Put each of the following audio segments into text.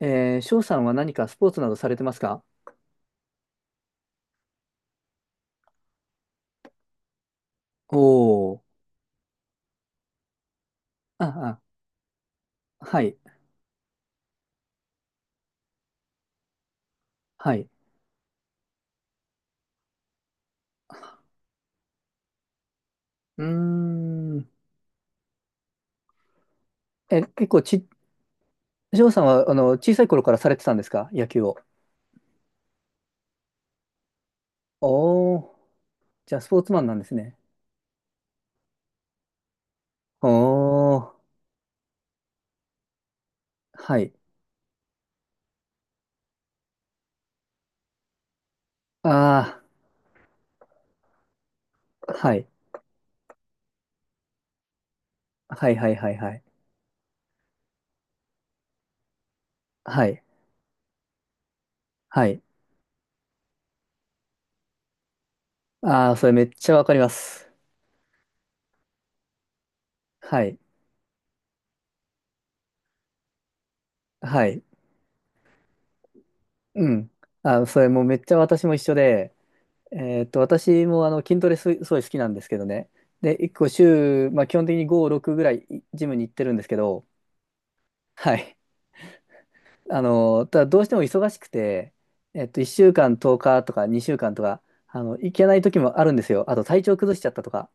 翔さんは何かスポーツなどされてますか？おおー。あ、あ、はい、はい。うーん。え、結構ち、翔さんは、あの、小さい頃からされてたんですか、野球を？おお。じゃあ、スポーツマンなんですね。おお。はい。ああ、はい。はい、はい、はい、はい。はい、はい。ああ、それめっちゃわかります。はい、はい。うん。あー、それもうめっちゃ私も一緒で、私もあの筋トレす、すごい好きなんですけどね。で、1個週、まあ、基本的に5、6ぐらいいジムに行ってるんですけど、はい。あの、ただどうしても忙しくて、1週間10日とおか2週間とか、あの、行けない時もあるんですよ。あと体調崩しちゃったとか、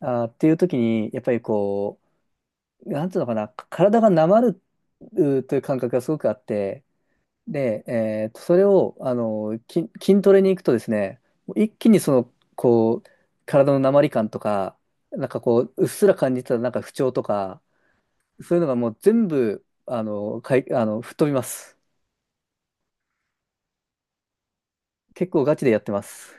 あーっていう時に、やっぱりこう、なんていうのかな、体がなまるという感覚がすごくあって、で、それを、あの、筋トレに行くとですね、一気にその、こう、体のなまり感とか、なんかこう、うっすら感じてたなんか不調とか、そういうのがもう全部、あの、吹っ飛びます。結構ガチでやってます。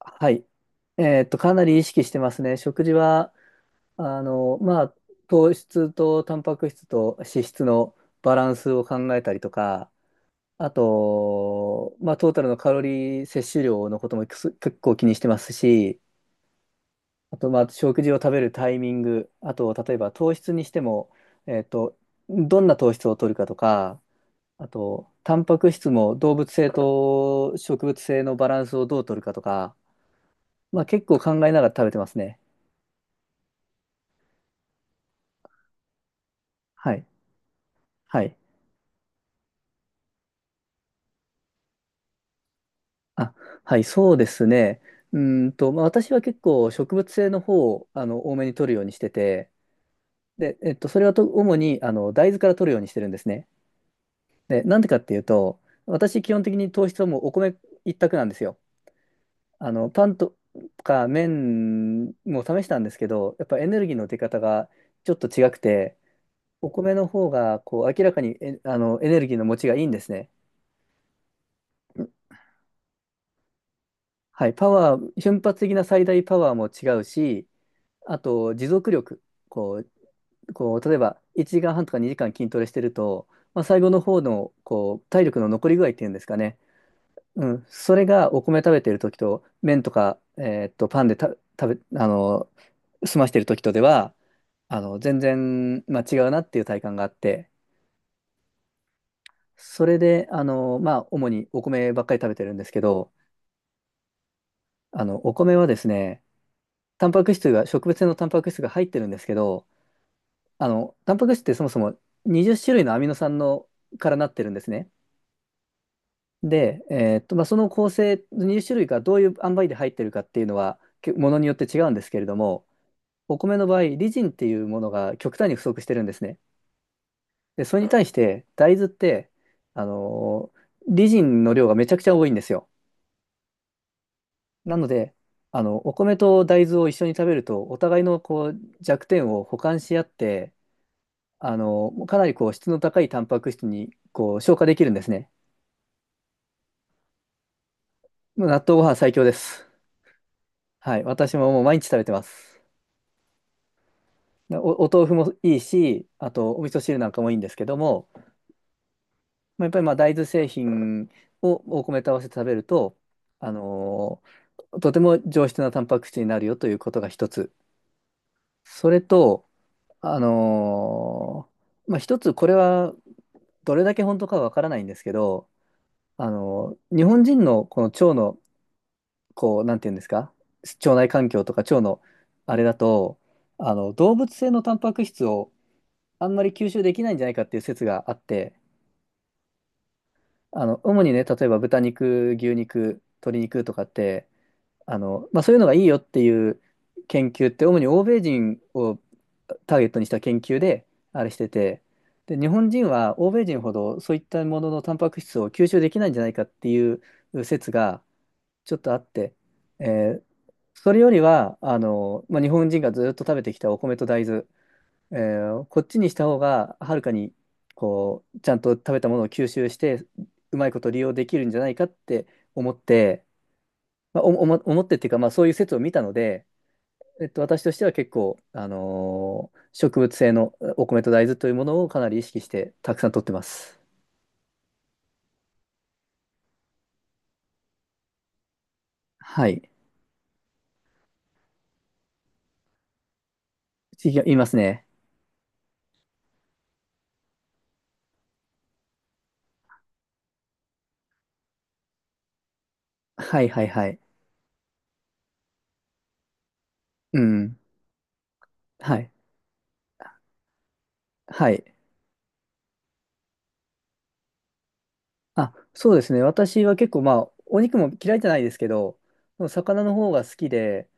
はい。かなり意識してますね。食事は、あの、まあ、糖質とタンパク質と脂質のバランスを考えたりとか、あと、まあ、トータルのカロリー摂取量のことも結構気にしてますし、あと、まあ、食事を食べるタイミング、あと、例えば糖質にしても、えっと、どんな糖質を取るかとか、あと、タンパク質も動物性と植物性のバランスをどう取るかとか、まあ、結構考えながら食べてますね。はい。はい。あ、はい、そうですね。まあ、私は結構植物性の方を、あの、多めに取るようにしてて、で、それは主にあの大豆から取るようにしてるんですね。で、なんでかっていうと、私、基本的に糖質はもうお米一択なんですよ。あのパンとか麺も試したんですけど、やっぱエネルギーの出方がちょっと違くて、お米の方がこう明らかにえあのエネルギーの持ちがいいんですね。はい、パワー、瞬発的な最大パワーも違うし、あと持続力、こうこう、例えば1時間半とか2時間筋トレしてると、まあ、最後の方のこう体力の残り具合っていうんですかね、うん、それがお米食べてる時と、麺とか、パンでた食べ、あの、済ましてる時とでは、あの、全然、まあ、違うなっていう体感があって、それで、あの、まあ、主にお米ばっかり食べてるんですけど、あの、お米はですね、タンパク質が、植物性のタンパク質が入ってるんですけど、あの、タンパク質ってそもそも20種類のアミノ酸のからなってるんですね。で、まあ、その構成、20種類がどういう塩梅で入ってるかっていうのは、けものによって違うんですけれども、お米の場合、リジンっていうものが極端に不足してるんですね。で、それに対して、大豆って、あのーリジンの量がめちゃくちゃ多いんですよ。なので、あの、お米と大豆を一緒に食べると、お互いのこう弱点を補完し合って、あのかなりこう質の高いタンパク質にこう消化できるんですね。もう納豆ご飯最強です。はい、私ももう毎日食べてます。お豆腐もいいし、あとお味噌汁なんかもいいんですけども、まあ、やっぱりまあ大豆製品をお米と合わせて食べると、あのーとても上質なタンパク質になるよということが一つ。それと、あのまあ、一つこれはどれだけ本当かはわからないんですけど、日本人のこの腸のこう、なんていうんですか、腸内環境とか腸のあれだと、あの動物性のタンパク質をあんまり吸収できないんじゃないかっていう説があって、あの、主にね、例えば豚肉、牛肉、鶏肉とかって、あの、まあ、そういうのがいいよっていう研究って、主に欧米人をターゲットにした研究で、あれしてて、で、日本人は欧米人ほどそういったもののタンパク質を吸収できないんじゃないかっていう説がちょっとあって、えーそれよりは、あの、まあ、日本人がずっと食べてきたお米と大豆、こっちにした方が、はるかに、こう、ちゃんと食べたものを吸収して、うまいこと利用できるんじゃないかって思って、まあ、思ってっていうか、まあ、そういう説を見たので、私としては結構、植物性のお米と大豆というものをかなり意識して、たくさん取ってます。はい。次が言いますね。はいはいはい。うん。はい。はい。あ、そうですね。私は結構まあ、お肉も嫌いじゃないですけど、魚の方が好きで、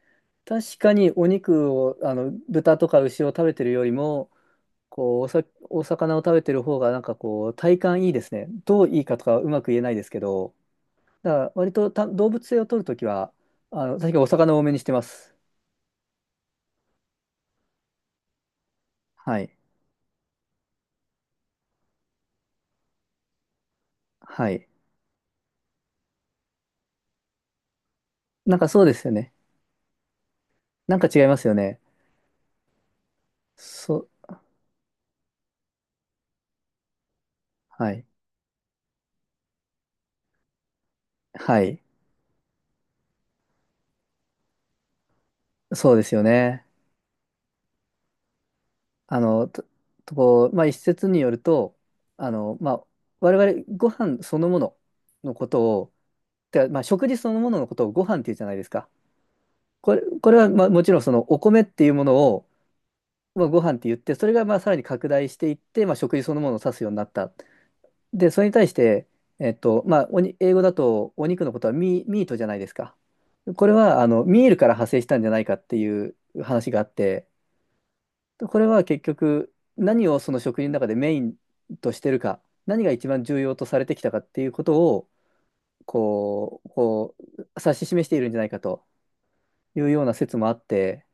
確かにお肉を、あの、豚とか牛を食べてるよりも、こう、お魚を食べてる方が、なんかこう、体感いいですね。どういいかとかはうまく言えないですけど、だから割と動物性を取るときは、あの、確かにお魚を多めにしてます。はい。はい。なんかそうですよね。なんか違いますよね。そ、はい。はい。そうですよね。あの、こう、まあ、一説によると、あの、まあ、我々、ご飯そのもののことを、てか、まあ、食事そのもののことをご飯って言うじゃないですか。これはまあもちろんそのお米っていうものを、まあ、ご飯って言って、それがまあさらに拡大していって、まあ、食事そのものを指すようになった。で、それに対して、まあ、英語だとお肉のことはミートじゃないですか。これはあのミールから派生したんじゃないかっていう話があって、これは結局何をその食事の中でメインとしてるか、何が一番重要とされてきたかっていうことをこう指し示しているんじゃないかと。いうような説もあって、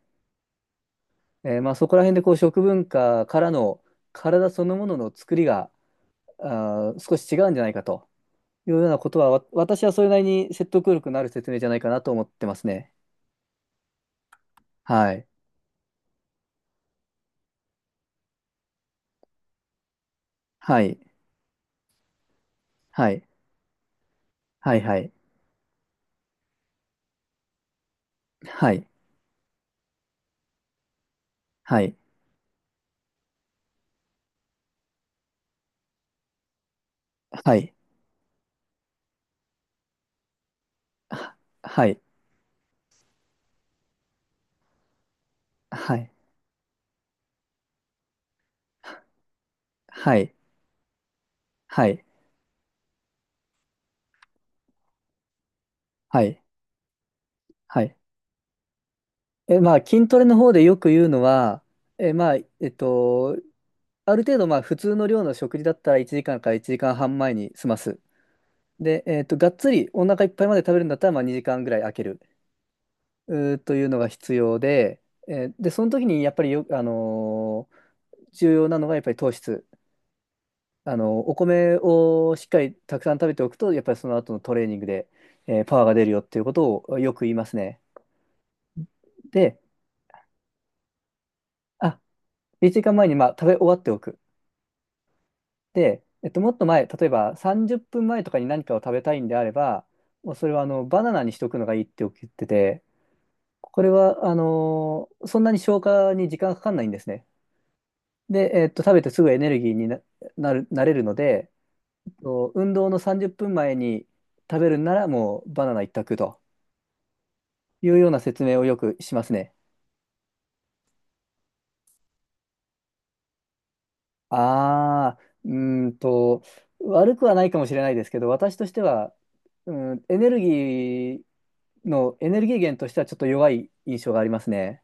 まあ、そこら辺でこう食文化からの体そのものの作りが少し違うんじゃないかというようなことは、私はそれなりに説得力のある説明じゃないかなと思ってますね。はい。はい。はい。はい。はい。はい。はい。はい。ははい。はい。はい。はい。はい。はい。え、まあ、筋トレの方でよく言うのは、え、まあ、ある程度まあ普通の量の食事だったら1時間から1時間半前に済ます。で、がっつりお腹いっぱいまで食べるんだったらまあ2時間ぐらい空けるというのが必要で、で、その時にやっぱり重要なのがやっぱり糖質。お米をしっかりたくさん食べておくと、やっぱりその後のトレーニングで、パワーが出るよっていうことをよく言いますね。で、あ、1時間前にまあ食べ終わっておく。で、もっと前、例えば30分前とかに何かを食べたいんであれば、もうそれはあのバナナにしとくのがいいって言ってて、これはそんなに消化に時間がかかんないんですね。で、食べてすぐエネルギーになれるので、えっと運動の30分前に食べるならもうバナナ一択というような説明をよくしますね。ああ、うーんと、悪くはないかもしれないですけど、私としては、うん、エネルギー源としてはちょっと弱い印象がありますね。